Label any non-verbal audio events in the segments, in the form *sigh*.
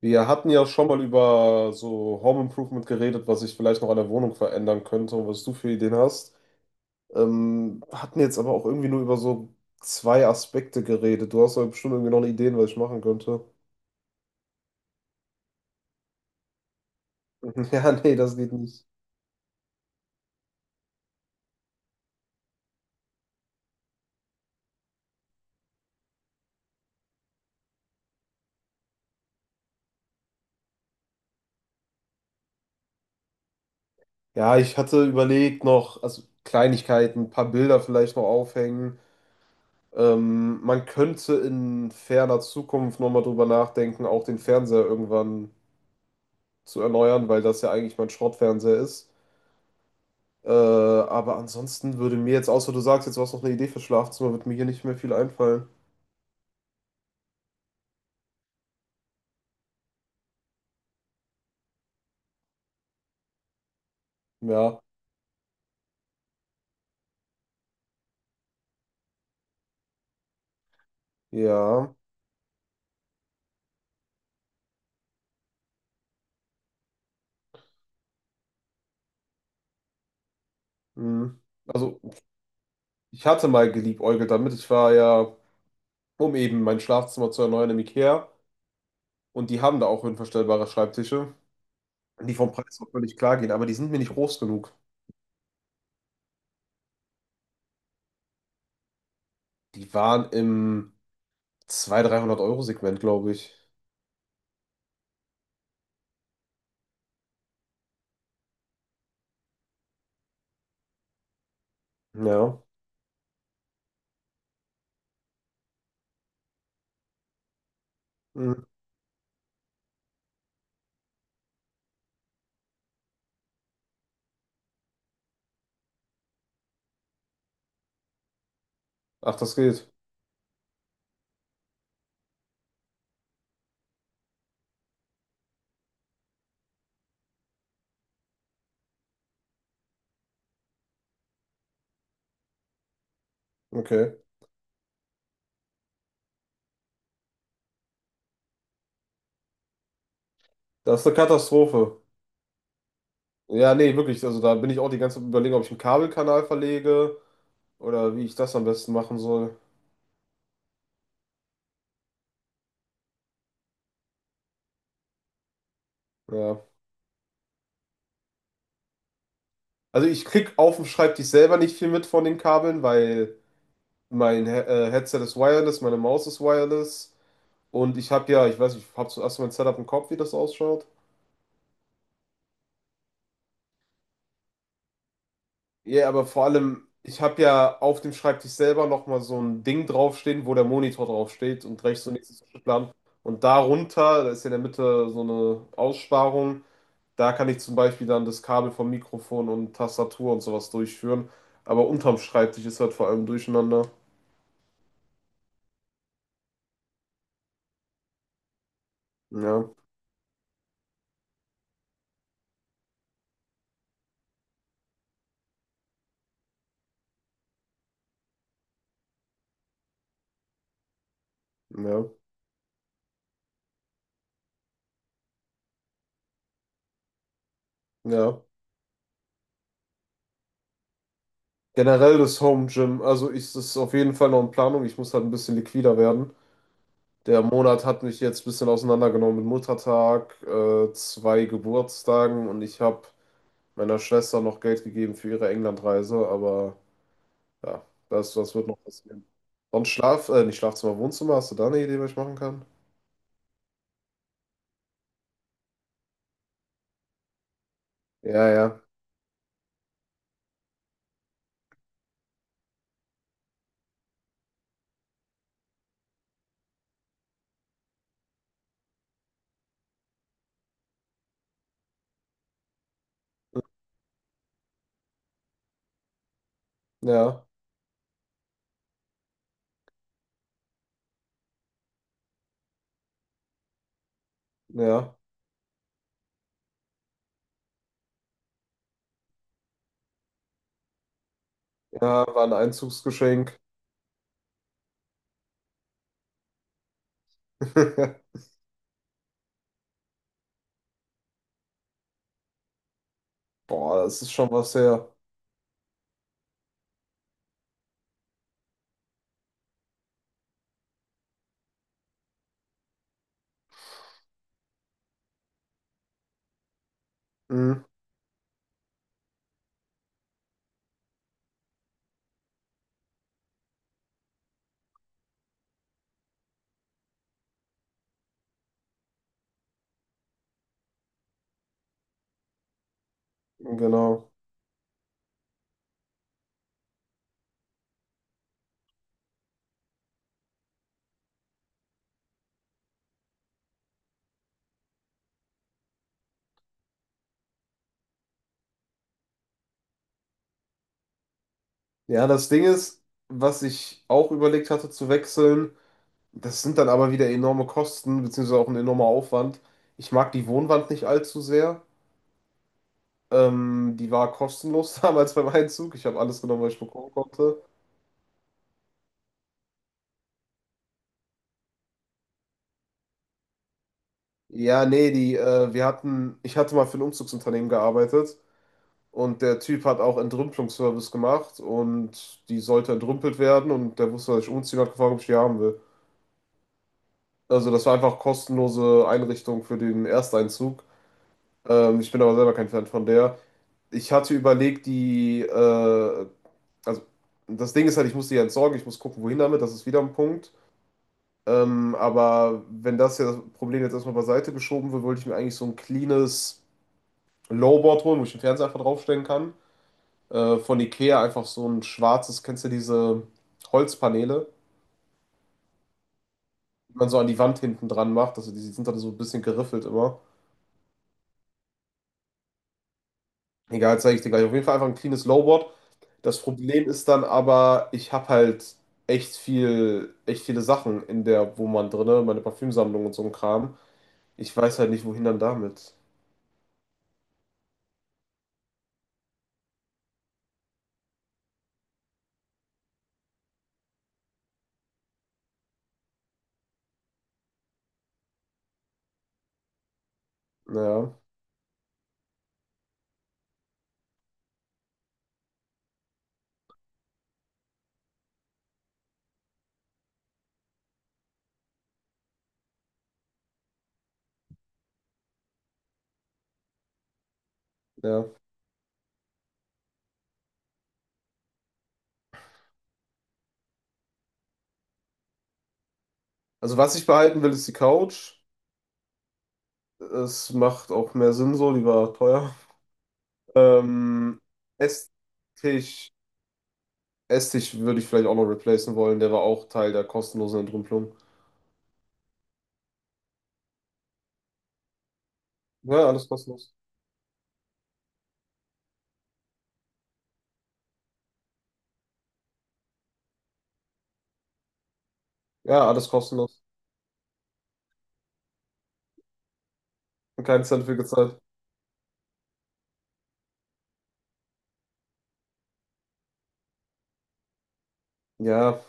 Wir hatten ja schon mal über so Home Improvement geredet, was ich vielleicht noch an der Wohnung verändern könnte und was du für Ideen hast. Hatten jetzt aber auch irgendwie nur über so zwei Aspekte geredet. Du hast aber bestimmt irgendwie noch eine Ideen, was ich machen könnte. *laughs* Ja, nee, das geht nicht. Ja, ich hatte überlegt noch, also Kleinigkeiten, ein paar Bilder vielleicht noch aufhängen. Man könnte in ferner Zukunft nochmal drüber nachdenken, auch den Fernseher irgendwann zu erneuern, weil das ja eigentlich mein Schrottfernseher ist. Aber ansonsten würde mir jetzt, außer du sagst, jetzt warst du noch eine Idee fürs Schlafzimmer, wird mir hier nicht mehr viel einfallen. Ja, ja. Hm. Also, ich hatte mal geliebäugelt damit. Um eben mein Schlafzimmer zu erneuern im IKEA. Und die haben da auch höhenverstellbare Schreibtische, die vom Preis auch völlig klar gehen, aber die sind mir nicht groß genug. Die waren im 200 300 Euro segment, glaube ich. Ja. Hm. Ach, das geht. Okay. Das ist eine Katastrophe. Ja, nee, wirklich. Also, da bin ich auch die ganze Zeit am Überlegen, ob ich einen Kabelkanal verlege. Oder wie ich das am besten machen soll. Ja. Also ich krieg auf dem Schreibtisch selber nicht viel mit von den Kabeln, weil mein He Headset ist wireless, meine Maus ist wireless und ich habe ja, ich weiß nicht, ich habe zuerst mein Setup im Kopf, wie das ausschaut. Ja, aber vor allem, ich habe ja auf dem Schreibtisch selber nochmal so ein Ding draufstehen, wo der Monitor draufsteht und rechts und links ist der Plan. Und darunter, da ist ja in der Mitte so eine Aussparung. Da kann ich zum Beispiel dann das Kabel vom Mikrofon und Tastatur und sowas durchführen. Aber unterm Schreibtisch ist halt vor allem durcheinander. Ja, ja, ja. Generell das Home Gym, also ist es auf jeden Fall noch in Planung. Ich muss halt ein bisschen liquider werden. Der Monat hat mich jetzt ein bisschen auseinandergenommen mit Muttertag, zwei Geburtstagen, und ich habe meiner Schwester noch Geld gegeben für ihre Englandreise, aber ja, das wird noch passieren. Sonst nicht Schlafzimmer, Wohnzimmer, hast du da eine Idee, was ich machen kann? Ja, ja, ja. Ja, ja, war ein Einzugsgeschenk. *laughs* Boah, das ist schon was her. Mhm, genau. Ja, das Ding ist, was ich auch überlegt hatte zu wechseln, das sind dann aber wieder enorme Kosten, beziehungsweise auch ein enormer Aufwand. Ich mag die Wohnwand nicht allzu sehr. Die war kostenlos *laughs* damals beim Einzug. Ich habe alles genommen, was ich bekommen konnte. Ja, nee, ich hatte mal für ein Umzugsunternehmen gearbeitet. Und der Typ hat auch Entrümpelungsservice gemacht und die sollte entrümpelt werden und der wusste, dass ich umziehen hat gefragt, ob ich die haben will. Also das war einfach kostenlose Einrichtung für den Ersteinzug. Ich bin aber selber kein Fan von der. Ich hatte überlegt, die, also das Ding ist halt, ich muss die ja entsorgen, ich muss gucken, wohin damit, das ist wieder ein Punkt. Aber wenn das ja das Problem jetzt erstmal beiseite geschoben wird, wollte ich mir eigentlich so ein cleanes Lowboard holen, wo ich den Fernseher einfach draufstellen kann. Von Ikea einfach so ein schwarzes, kennst du diese Holzpaneele, die man so an die Wand hinten dran macht, also die sind dann so ein bisschen geriffelt immer. Egal, zeige ich dir gleich. Auf jeden Fall einfach ein cleanes Lowboard. Das Problem ist dann aber, ich habe halt echt viele Sachen in der Wohnwand drinne, meine Parfümsammlung und so ein Kram. Ich weiß halt nicht, wohin dann damit. Naja, ja. Also was ich behalten will, ist die Couch. Es macht auch mehr Sinn so, die war teuer. Ähm, Esstisch, Essig würde ich vielleicht auch noch replacen wollen. Der war auch Teil der kostenlosen Entrümpelung. Ja, alles kostenlos. Ja, alles kostenlos. Und keinen Cent für gezahlt. Ja,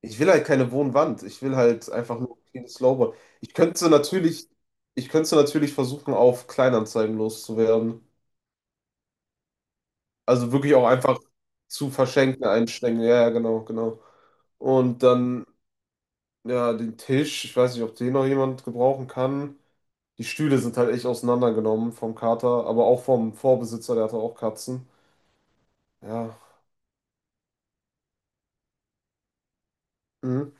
ich will halt keine Wohnwand. Ich will halt einfach nur ein cleanes Slowboard. Ich könnte natürlich versuchen, auf Kleinanzeigen loszuwerden. Also wirklich auch einfach zu verschenken, einstecken. Ja, ja, genau, genau. Und dann, ja, den Tisch. Ich weiß nicht, ob den noch jemand gebrauchen kann. Die Stühle sind halt echt auseinandergenommen vom Kater, aber auch vom Vorbesitzer, der hatte auch Katzen. Ja, mhm.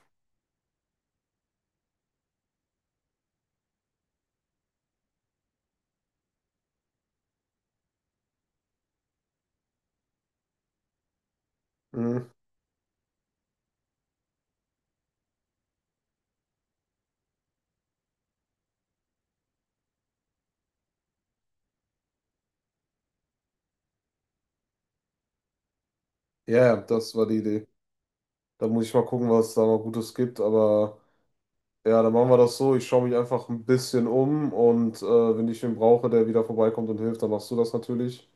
Mhm. Ja, ja, das war die Idee. Da muss ich mal gucken, was es da mal Gutes gibt, aber ja, dann machen wir das so. Ich schaue mich einfach ein bisschen um und wenn ich wen brauche, der wieder vorbeikommt und hilft, dann machst du das natürlich.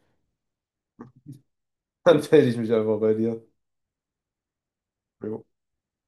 *laughs* Dann melde ich mich einfach bei dir. Jo.